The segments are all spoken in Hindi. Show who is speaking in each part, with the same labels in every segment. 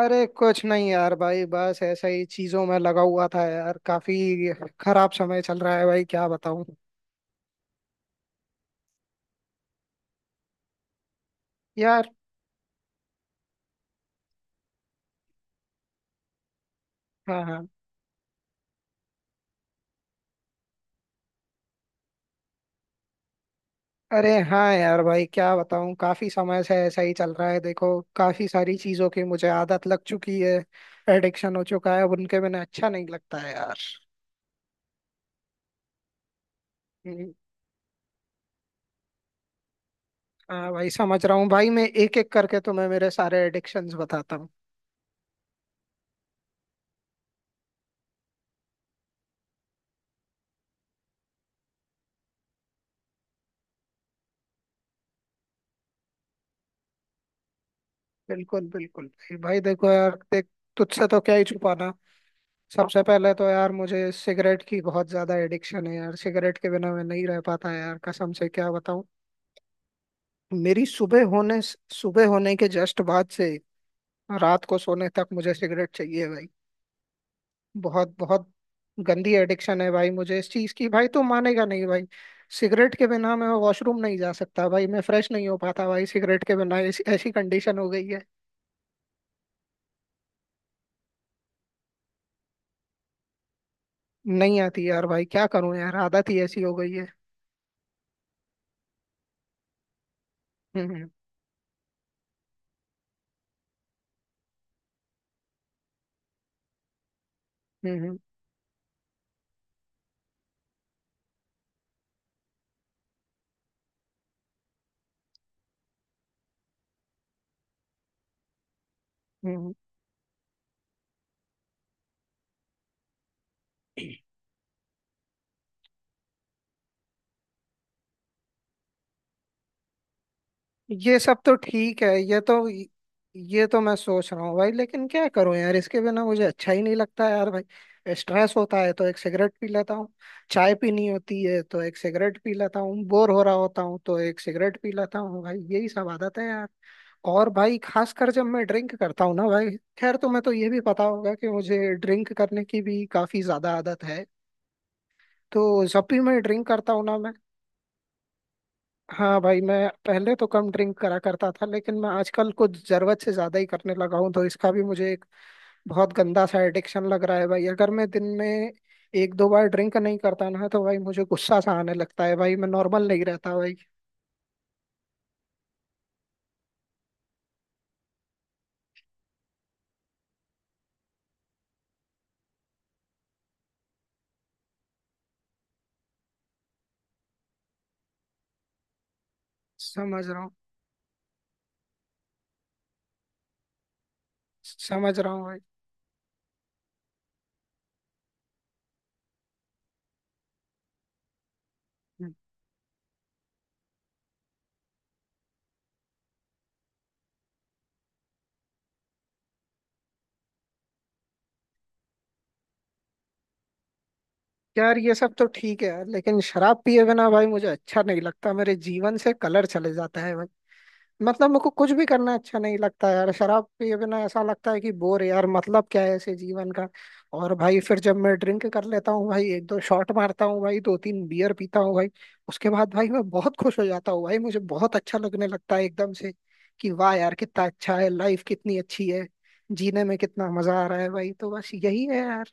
Speaker 1: अरे कुछ नहीं यार भाई बस ऐसा ही चीजों में लगा हुआ था यार। काफी खराब समय चल रहा है भाई क्या बताऊं। यार। हाँ हाँ। अरे हाँ यार भाई क्या बताऊं। काफी समय से ऐसा ही चल रहा है। देखो काफी सारी चीजों की मुझे आदत लग चुकी है। एडिक्शन हो चुका है अब उनके बिना अच्छा नहीं लगता है यार। हम्म। हाँ भाई समझ रहा हूँ भाई। मैं एक एक करके तुम्हें मेरे सारे एडिक्शंस बताता हूँ। बिल्कुल बिल्कुल भाई। भाई देखो यार देख, तुझसे तो क्या ही छुपाना। सबसे पहले तो यार मुझे सिगरेट की बहुत ज्यादा एडिक्शन है यार। सिगरेट के बिना मैं नहीं रह पाता यार, कसम से क्या बताऊं। मेरी सुबह होने के जस्ट बाद से रात को सोने तक मुझे सिगरेट चाहिए भाई। बहुत बहुत गंदी एडिक्शन है भाई मुझे इस चीज की। भाई तो मानेगा नहीं भाई। सिगरेट के बिना मैं वॉशरूम नहीं जा सकता भाई, मैं फ्रेश नहीं हो पाता भाई। सिगरेट के बिना ऐसी ऐसी कंडीशन हो गई है। नहीं आती यार भाई, क्या करूं यार, आदत ही ऐसी हो गई है। हम्म। हम्म। हम्म। ये सब तो ठीक है। ये तो मैं सोच रहा हूँ भाई, लेकिन क्या करूँ यार, इसके बिना मुझे अच्छा ही नहीं लगता यार। भाई स्ट्रेस होता है तो एक सिगरेट पी लेता हूँ, चाय पीनी होती है तो एक सिगरेट पी लेता हूँ, बोर हो रहा होता हूँ तो एक सिगरेट पी लेता हूँ भाई। यही सब आदत है यार। और भाई खासकर जब मैं ड्रिंक करता हूँ ना भाई। खैर, तुम्हें तो ये भी पता होगा कि मुझे ड्रिंक करने की भी काफी ज्यादा आदत है। तो जब भी मैं ड्रिंक करता हूँ ना मैं। हाँ भाई मैं पहले तो कम ड्रिंक करा करता था, लेकिन मैं आजकल कुछ जरूरत से ज्यादा ही करने लगा हूँ। तो इसका भी मुझे एक बहुत गंदा सा एडिक्शन लग रहा है भाई। अगर मैं दिन में एक दो बार ड्रिंक नहीं करता ना तो भाई मुझे गुस्सा सा आने लगता है भाई, मैं नॉर्मल नहीं रहता भाई। समझ रहा हूँ। समझ रहा हूँ भाई। हम्म। यार ये सब तो ठीक है यार, लेकिन शराब पिए बिना भाई मुझे अच्छा नहीं लगता, मेरे जीवन से कलर चले जाता है। मतलब मुझको कुछ भी करना अच्छा नहीं लगता यार शराब पिए बिना। ऐसा लगता है कि बोर यार, मतलब क्या है ऐसे जीवन का। और भाई फिर जब मैं ड्रिंक कर लेता हूँ भाई, एक दो शॉट मारता हूँ भाई, दो तीन बियर पीता हूँ भाई, उसके बाद भाई मैं बहुत खुश हो जाता हूँ भाई। मुझे बहुत अच्छा लगने लगता है एकदम से कि वाह यार कितना अच्छा है, लाइफ कितनी अच्छी है, जीने में कितना मजा आ रहा है भाई। तो बस यही है यार।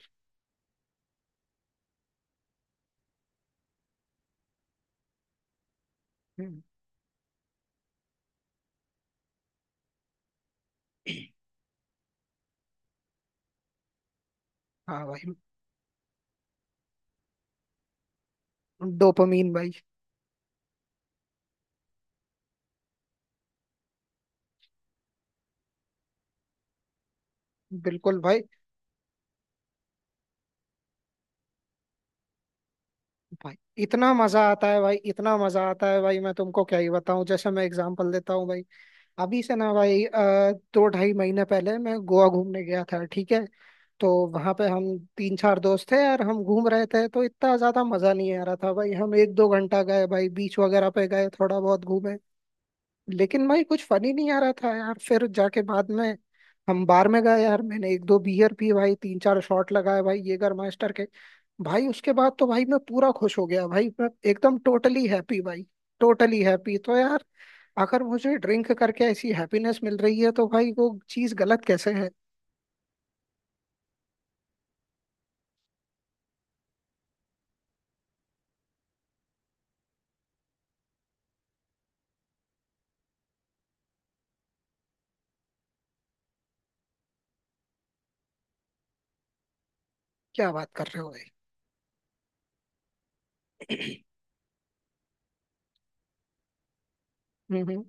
Speaker 1: हम्म। हाँ भाई, डोपामीन भाई। बिल्कुल भाई। भाई इतना मजा आता है भाई, इतना मजा आता है भाई, मैं तुमको क्या ही बताऊं। जैसे मैं एग्जांपल देता हूँ भाई, अभी से ना भाई दो ढाई महीने पहले मैं गोवा घूमने गया था, ठीक है। तो वहां पे हम तीन चार दोस्त थे यार, हम घूम रहे थे तो इतना ज्यादा मजा नहीं आ रहा था भाई। हम एक दो घंटा गए भाई, बीच वगैरह पे गए, थोड़ा बहुत घूमे, लेकिन भाई कुछ फनी नहीं आ रहा था यार। फिर जाके बाद में हम बार में गए यार, मैंने एक दो बियर पी भाई, तीन चार शॉट लगाए भाई येगर मास्टर के। भाई उसके बाद तो भाई मैं पूरा खुश हो गया भाई, मैं एकदम टोटली हैप्पी भाई, टोटली हैप्पी। तो यार अगर मुझे ड्रिंक करके ऐसी हैप्पीनेस मिल रही है तो भाई वो चीज गलत कैसे है। क्या बात कर रहे हो भाई। हम्म हम्म।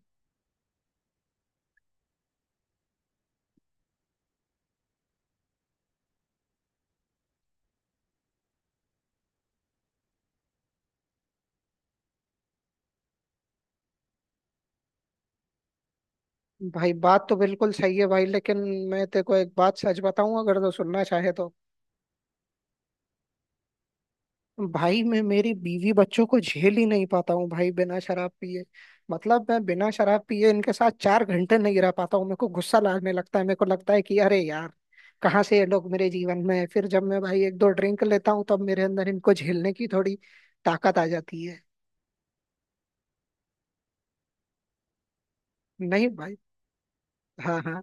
Speaker 1: भाई बात तो बिल्कुल सही है भाई, लेकिन मैं तेरे को एक बात सच बताऊं अगर तो, सुनना चाहे तो। भाई मैं मेरी बीवी बच्चों को झेल ही नहीं पाता हूँ भाई बिना शराब पिए। मतलब मैं बिना शराब पिए इनके साथ 4 घंटे नहीं रह पाता हूँ, मेरे को गुस्सा लगने लगता है, मेरे को लगता है कि अरे यार कहाँ से ये लोग मेरे जीवन में है। फिर जब मैं भाई एक दो ड्रिंक लेता हूँ तब मेरे अंदर इनको झेलने की थोड़ी ताकत आ जाती है। नहीं भाई। हाँ हाँ।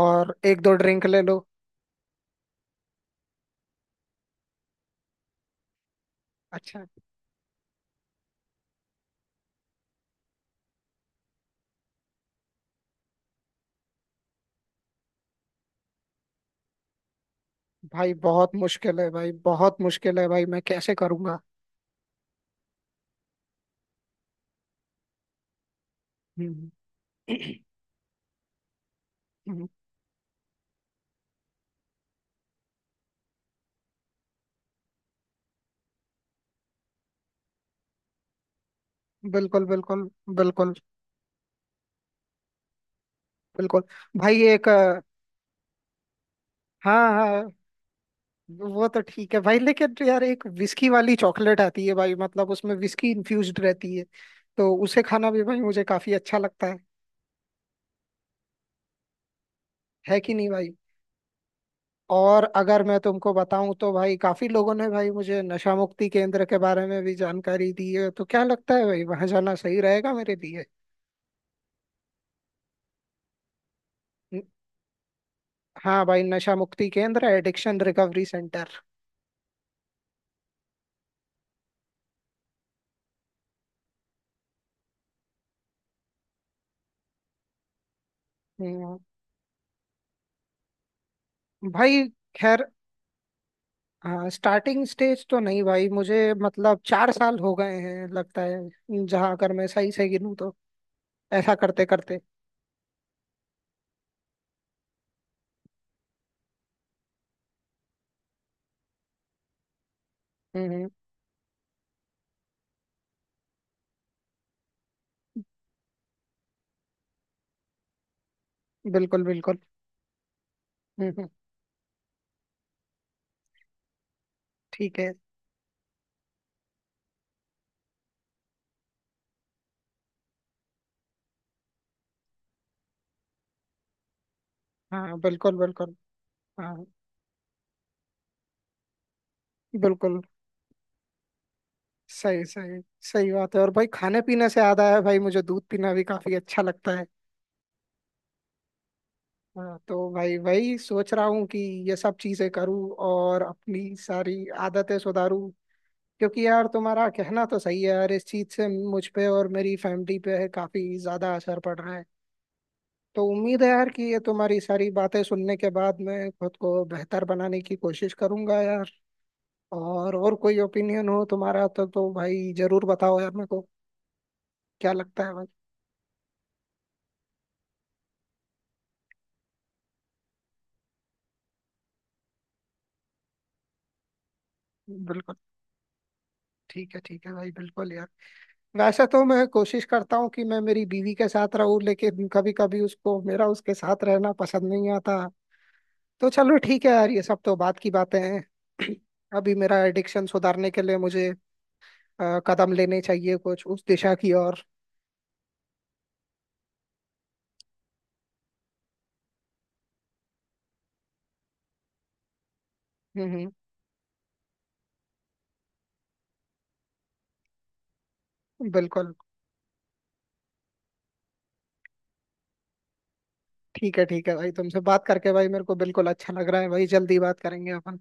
Speaker 1: और एक दो ड्रिंक ले लो। अच्छा। भाई बहुत मुश्किल है भाई, बहुत मुश्किल है भाई, मैं कैसे करूँगा। हम्म। बिल्कुल बिल्कुल। बिल्कुल बिल्कुल। भाई एक, हाँ हाँ, वो तो ठीक है भाई। लेकिन तो यार एक विस्की वाली चॉकलेट आती है भाई, मतलब उसमें विस्की इन्फ्यूज्ड रहती है। तो उसे खाना भी भाई मुझे काफी अच्छा लगता है। है कि नहीं भाई। और अगर मैं तुमको बताऊं तो भाई काफी लोगों ने भाई मुझे नशा मुक्ति केंद्र के बारे में भी जानकारी दी है। तो क्या लगता है भाई, वहां जाना सही रहेगा मेरे लिए। न- हाँ भाई, नशा मुक्ति केंद्र, एडिक्शन रिकवरी सेंटर। हम्म। भाई खैर। हाँ, स्टार्टिंग स्टेज तो नहीं भाई मुझे। मतलब 4 साल हो गए हैं लगता है, जहाँ अगर मैं सही से गिनूँ तो ऐसा करते करते। हम्म। बिल्कुल बिल्कुल। हम्म। ठीक है। हाँ बिल्कुल बिल्कुल। हाँ। बिल्कुल। सही सही। सही बात है। और भाई खाने पीने से याद आया भाई, मुझे दूध पीना भी काफी अच्छा लगता है। हाँ तो भाई वही सोच रहा हूँ कि ये सब चीजें करूँ और अपनी सारी आदतें सुधारूँ। क्योंकि यार तुम्हारा कहना तो सही है यार, इस चीज से मुझ पे और मेरी फैमिली पे काफी ज्यादा असर पड़ रहा है। तो उम्मीद है यार कि ये तुम्हारी सारी बातें सुनने के बाद मैं खुद को बेहतर बनाने की कोशिश करूंगा यार। और कोई ओपिनियन हो तुम्हारा तो भाई जरूर बताओ यार मेरे को, क्या लगता है भाई। बिल्कुल। ठीक है भाई, बिल्कुल यार। वैसे तो मैं कोशिश करता हूँ कि मैं मेरी बीवी के साथ रहूं, लेकिन कभी कभी उसको मेरा उसके साथ रहना पसंद नहीं आता। तो चलो ठीक है यार, ये सब तो बात की बातें हैं। अभी मेरा एडिक्शन सुधारने के लिए मुझे कदम लेने चाहिए कुछ उस दिशा की ओर। हम्म। बिल्कुल। ठीक है भाई, तुमसे बात करके भाई मेरे को बिल्कुल अच्छा लग रहा है भाई। जल्दी बात करेंगे अपन।